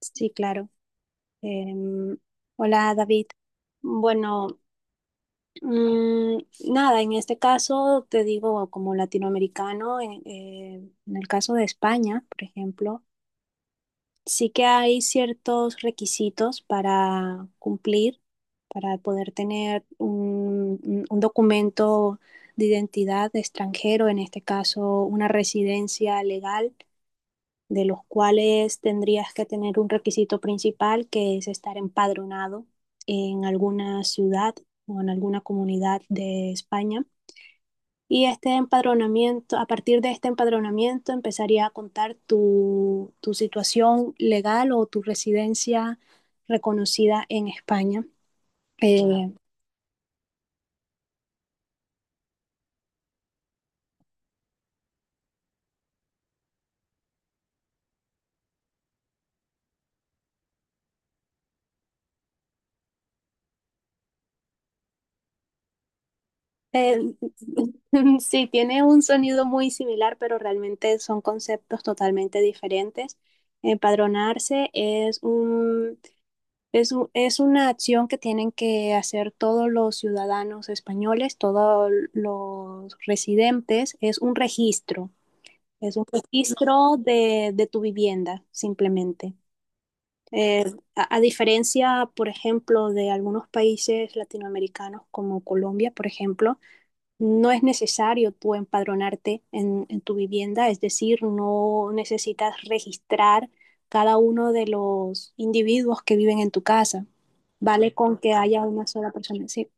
Sí, claro. Em, hola, David. Bueno, mm, nada, en este caso te digo como latinoamericano, en el caso de España, por ejemplo, sí que hay ciertos requisitos para cumplir, para poder tener un documento de identidad de extranjero, en este caso una residencia legal. De los cuales tendrías que tener un requisito principal que es estar empadronado en alguna ciudad o en alguna comunidad de España. Y este empadronamiento, a partir de este empadronamiento empezaría a contar tu situación legal o tu residencia reconocida en España. Eh, eh, sí, tiene un sonido muy similar, pero realmente son conceptos totalmente diferentes. Empadronarse es un... es una acción que tienen que hacer todos los ciudadanos españoles, todos los residentes. Es un registro de tu vivienda, simplemente. Eh, a, diferencia, por ejemplo, de algunos países latinoamericanos como Colombia, por ejemplo, no es necesario tú empadronarte en tu vivienda, es decir, no necesitas registrar cada uno de los individuos que viven en tu casa. Vale con que haya una sola persona. Sí.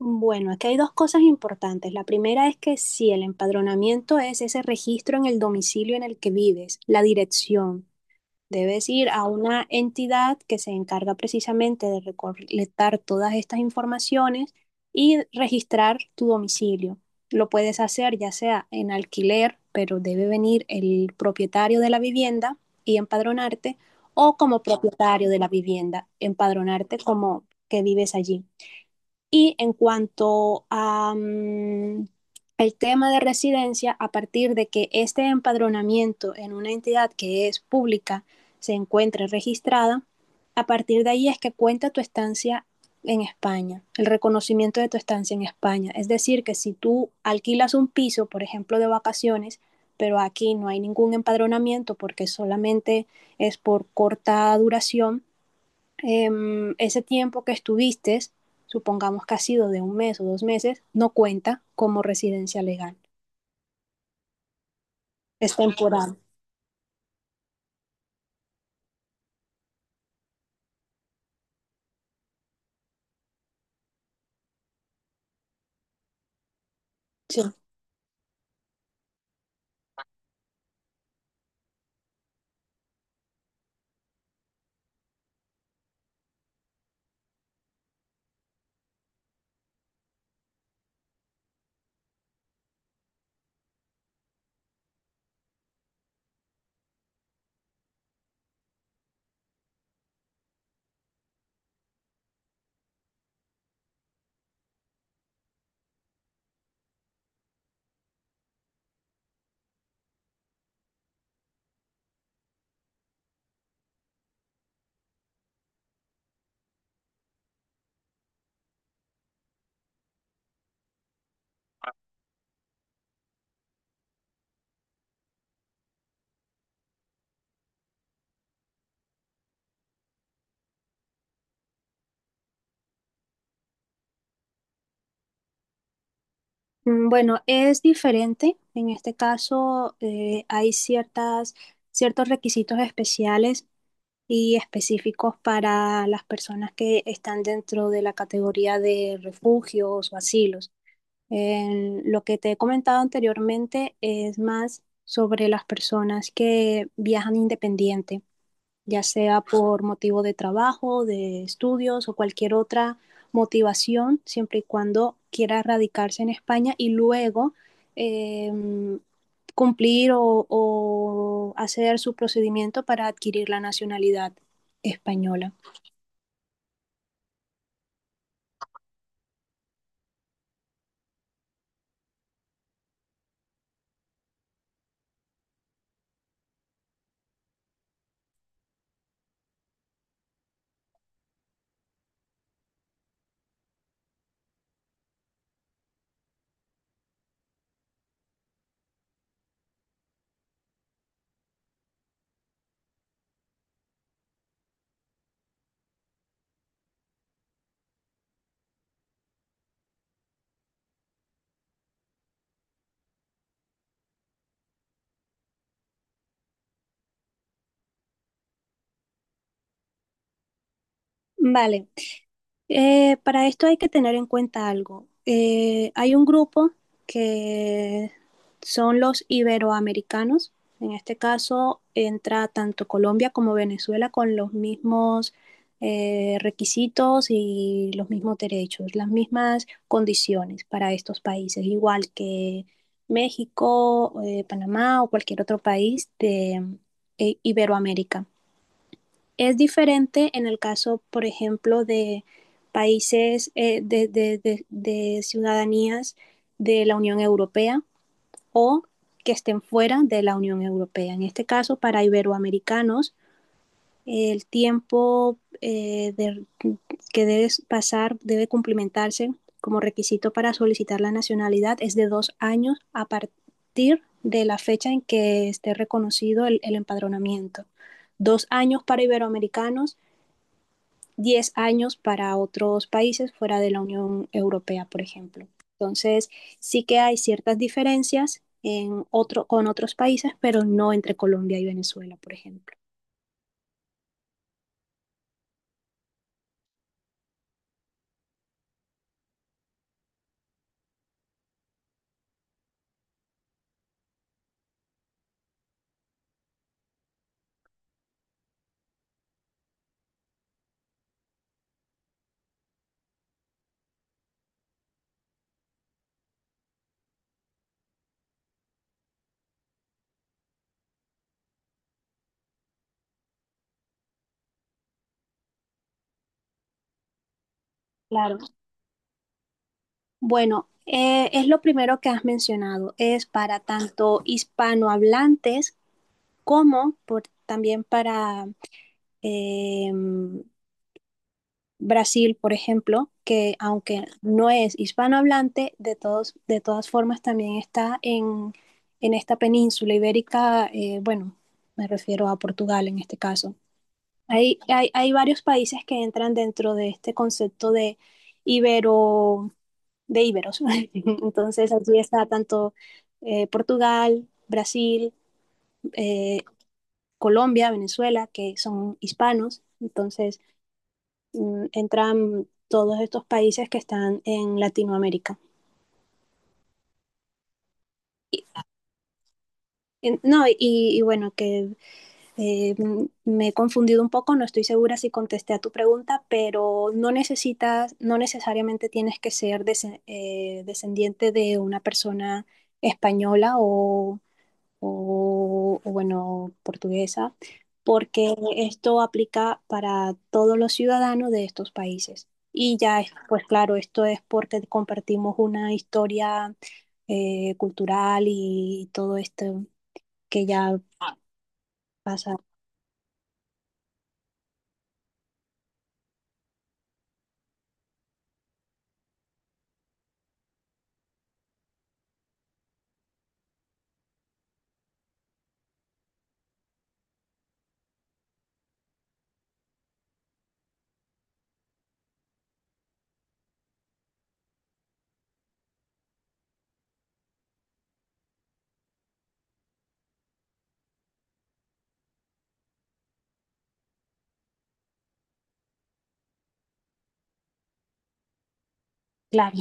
Bueno, aquí hay dos cosas importantes. La primera es que sí, el empadronamiento es ese registro en el domicilio en el que vives, la dirección. Debes ir a una entidad que se encarga precisamente de recolectar todas estas informaciones y registrar tu domicilio. Lo puedes hacer ya sea en alquiler, pero debe venir el propietario de la vivienda y empadronarte, o como propietario de la vivienda, empadronarte como que vives allí. Y en cuanto a, el tema de residencia, a partir de que este empadronamiento en una entidad que es pública se encuentre registrada, a partir de ahí es que cuenta tu estancia en España, el reconocimiento de tu estancia en España. Es decir, que si tú alquilas un piso, por ejemplo, de vacaciones, pero aquí no hay ningún empadronamiento porque solamente es por corta duración, ese tiempo que estuviste, supongamos que ha sido de 1 mes o 2 meses, no cuenta como residencia legal. Es temporal. Sí. Bueno, es diferente. En este caso, hay ciertos requisitos especiales y específicos para las personas que están dentro de la categoría de refugios o asilos. En lo que te he comentado anteriormente es más sobre las personas que viajan independiente ya sea por motivo de trabajo, de estudios o cualquier otra motivación, siempre y cuando quiera radicarse en España y luego eh, cumplir o hacer su procedimiento para adquirir la nacionalidad española. Vale. Para esto hay que tener en cuenta algo. Hay un grupo que son los iberoamericanos. En este caso entra tanto Colombia como Venezuela con los mismos requisitos y los mismos derechos, las mismas condiciones para estos países, igual que México, Panamá o cualquier otro país de Iberoamérica. Es diferente en el caso, por ejemplo, de países de ciudadanías de la Unión Europea o que estén fuera de la Unión Europea. En este caso, para iberoamericanos, el tiempo que debe pasar debe cumplimentarse como requisito para solicitar la nacionalidad es de 2 años a partir de la fecha en que esté reconocido el empadronamiento. 2 años para iberoamericanos, 10 años para otros países fuera de la Unión Europea, por ejemplo. Entonces, sí que hay ciertas diferencias en otro, con otros países, pero no entre Colombia y Venezuela, por ejemplo. Claro. Bueno, es lo primero que has mencionado, es para tanto hispanohablantes como por, también para eh, Brasil, por ejemplo, que aunque no es hispanohablante, de todas formas también está en esta península ibérica, bueno, me refiero a Portugal en este caso. Hay varios países que entran dentro de este concepto de ibero, de iberos. Entonces, allí está tanto Portugal, Brasil, eh, Colombia, Venezuela, que son hispanos. Entonces, entran todos estos países que están en Latinoamérica. Y, no, y bueno, que me he confundido un poco, no estoy segura si contesté a tu pregunta, pero no necesitas, no necesariamente tienes que ser descendiente de una persona española o bueno, portuguesa, porque esto aplica para todos los ciudadanos de estos países. Y ya, es, pues claro, esto es porque compartimos una historia cultural y todo esto que ya pasa. Claro.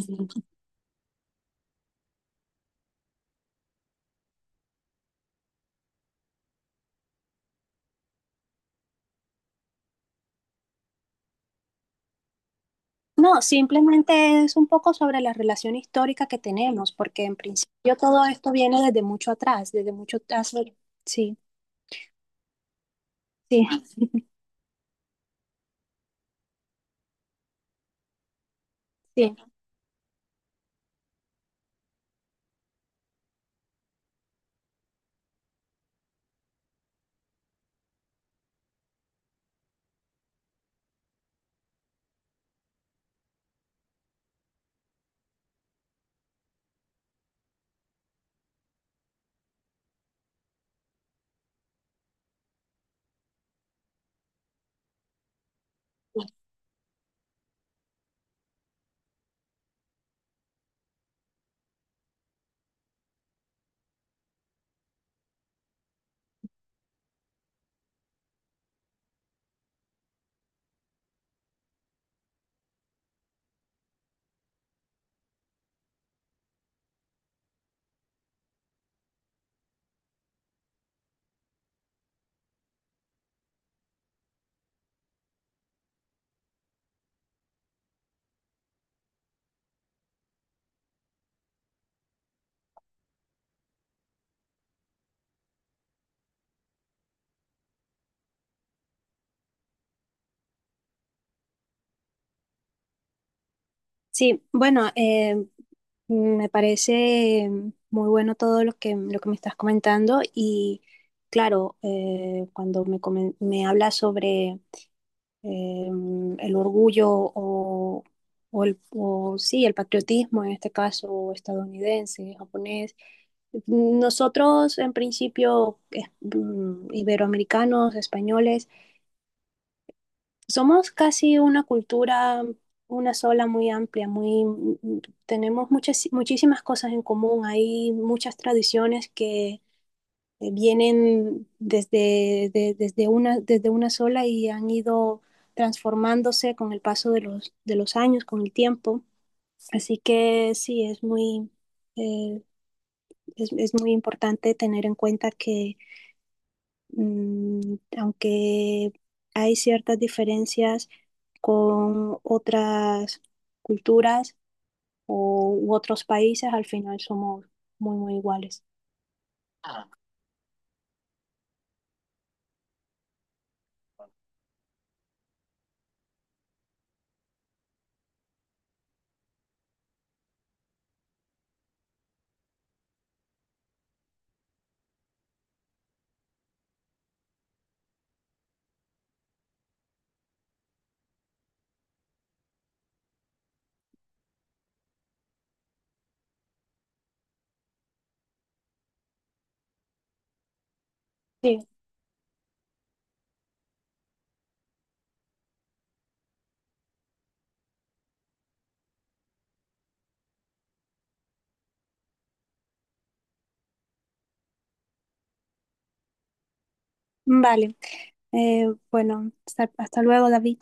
No, simplemente es un poco sobre la relación histórica que tenemos, porque en principio todo esto viene desde mucho atrás, desde mucho atrás. Sí, sí, sí. Sí, bueno, me parece muy bueno todo lo que me estás comentando y claro, cuando me, me hablas sobre eh, el orgullo o el, o sí, el patriotismo, en este caso estadounidense, japonés. Nosotros, en principio, iberoamericanos, españoles, somos casi una cultura, una sola muy amplia, tenemos muchas, muchísimas cosas en común. Hay muchas tradiciones que vienen desde una sola y han ido transformándose con el paso de los años, con el tiempo. Así que sí, eh, es muy importante tener en cuenta que aunque hay ciertas diferencias, con otras culturas o, u otros países, al final somos muy, muy iguales. Sí, vale. Eh, bueno, hasta, hasta luego, David.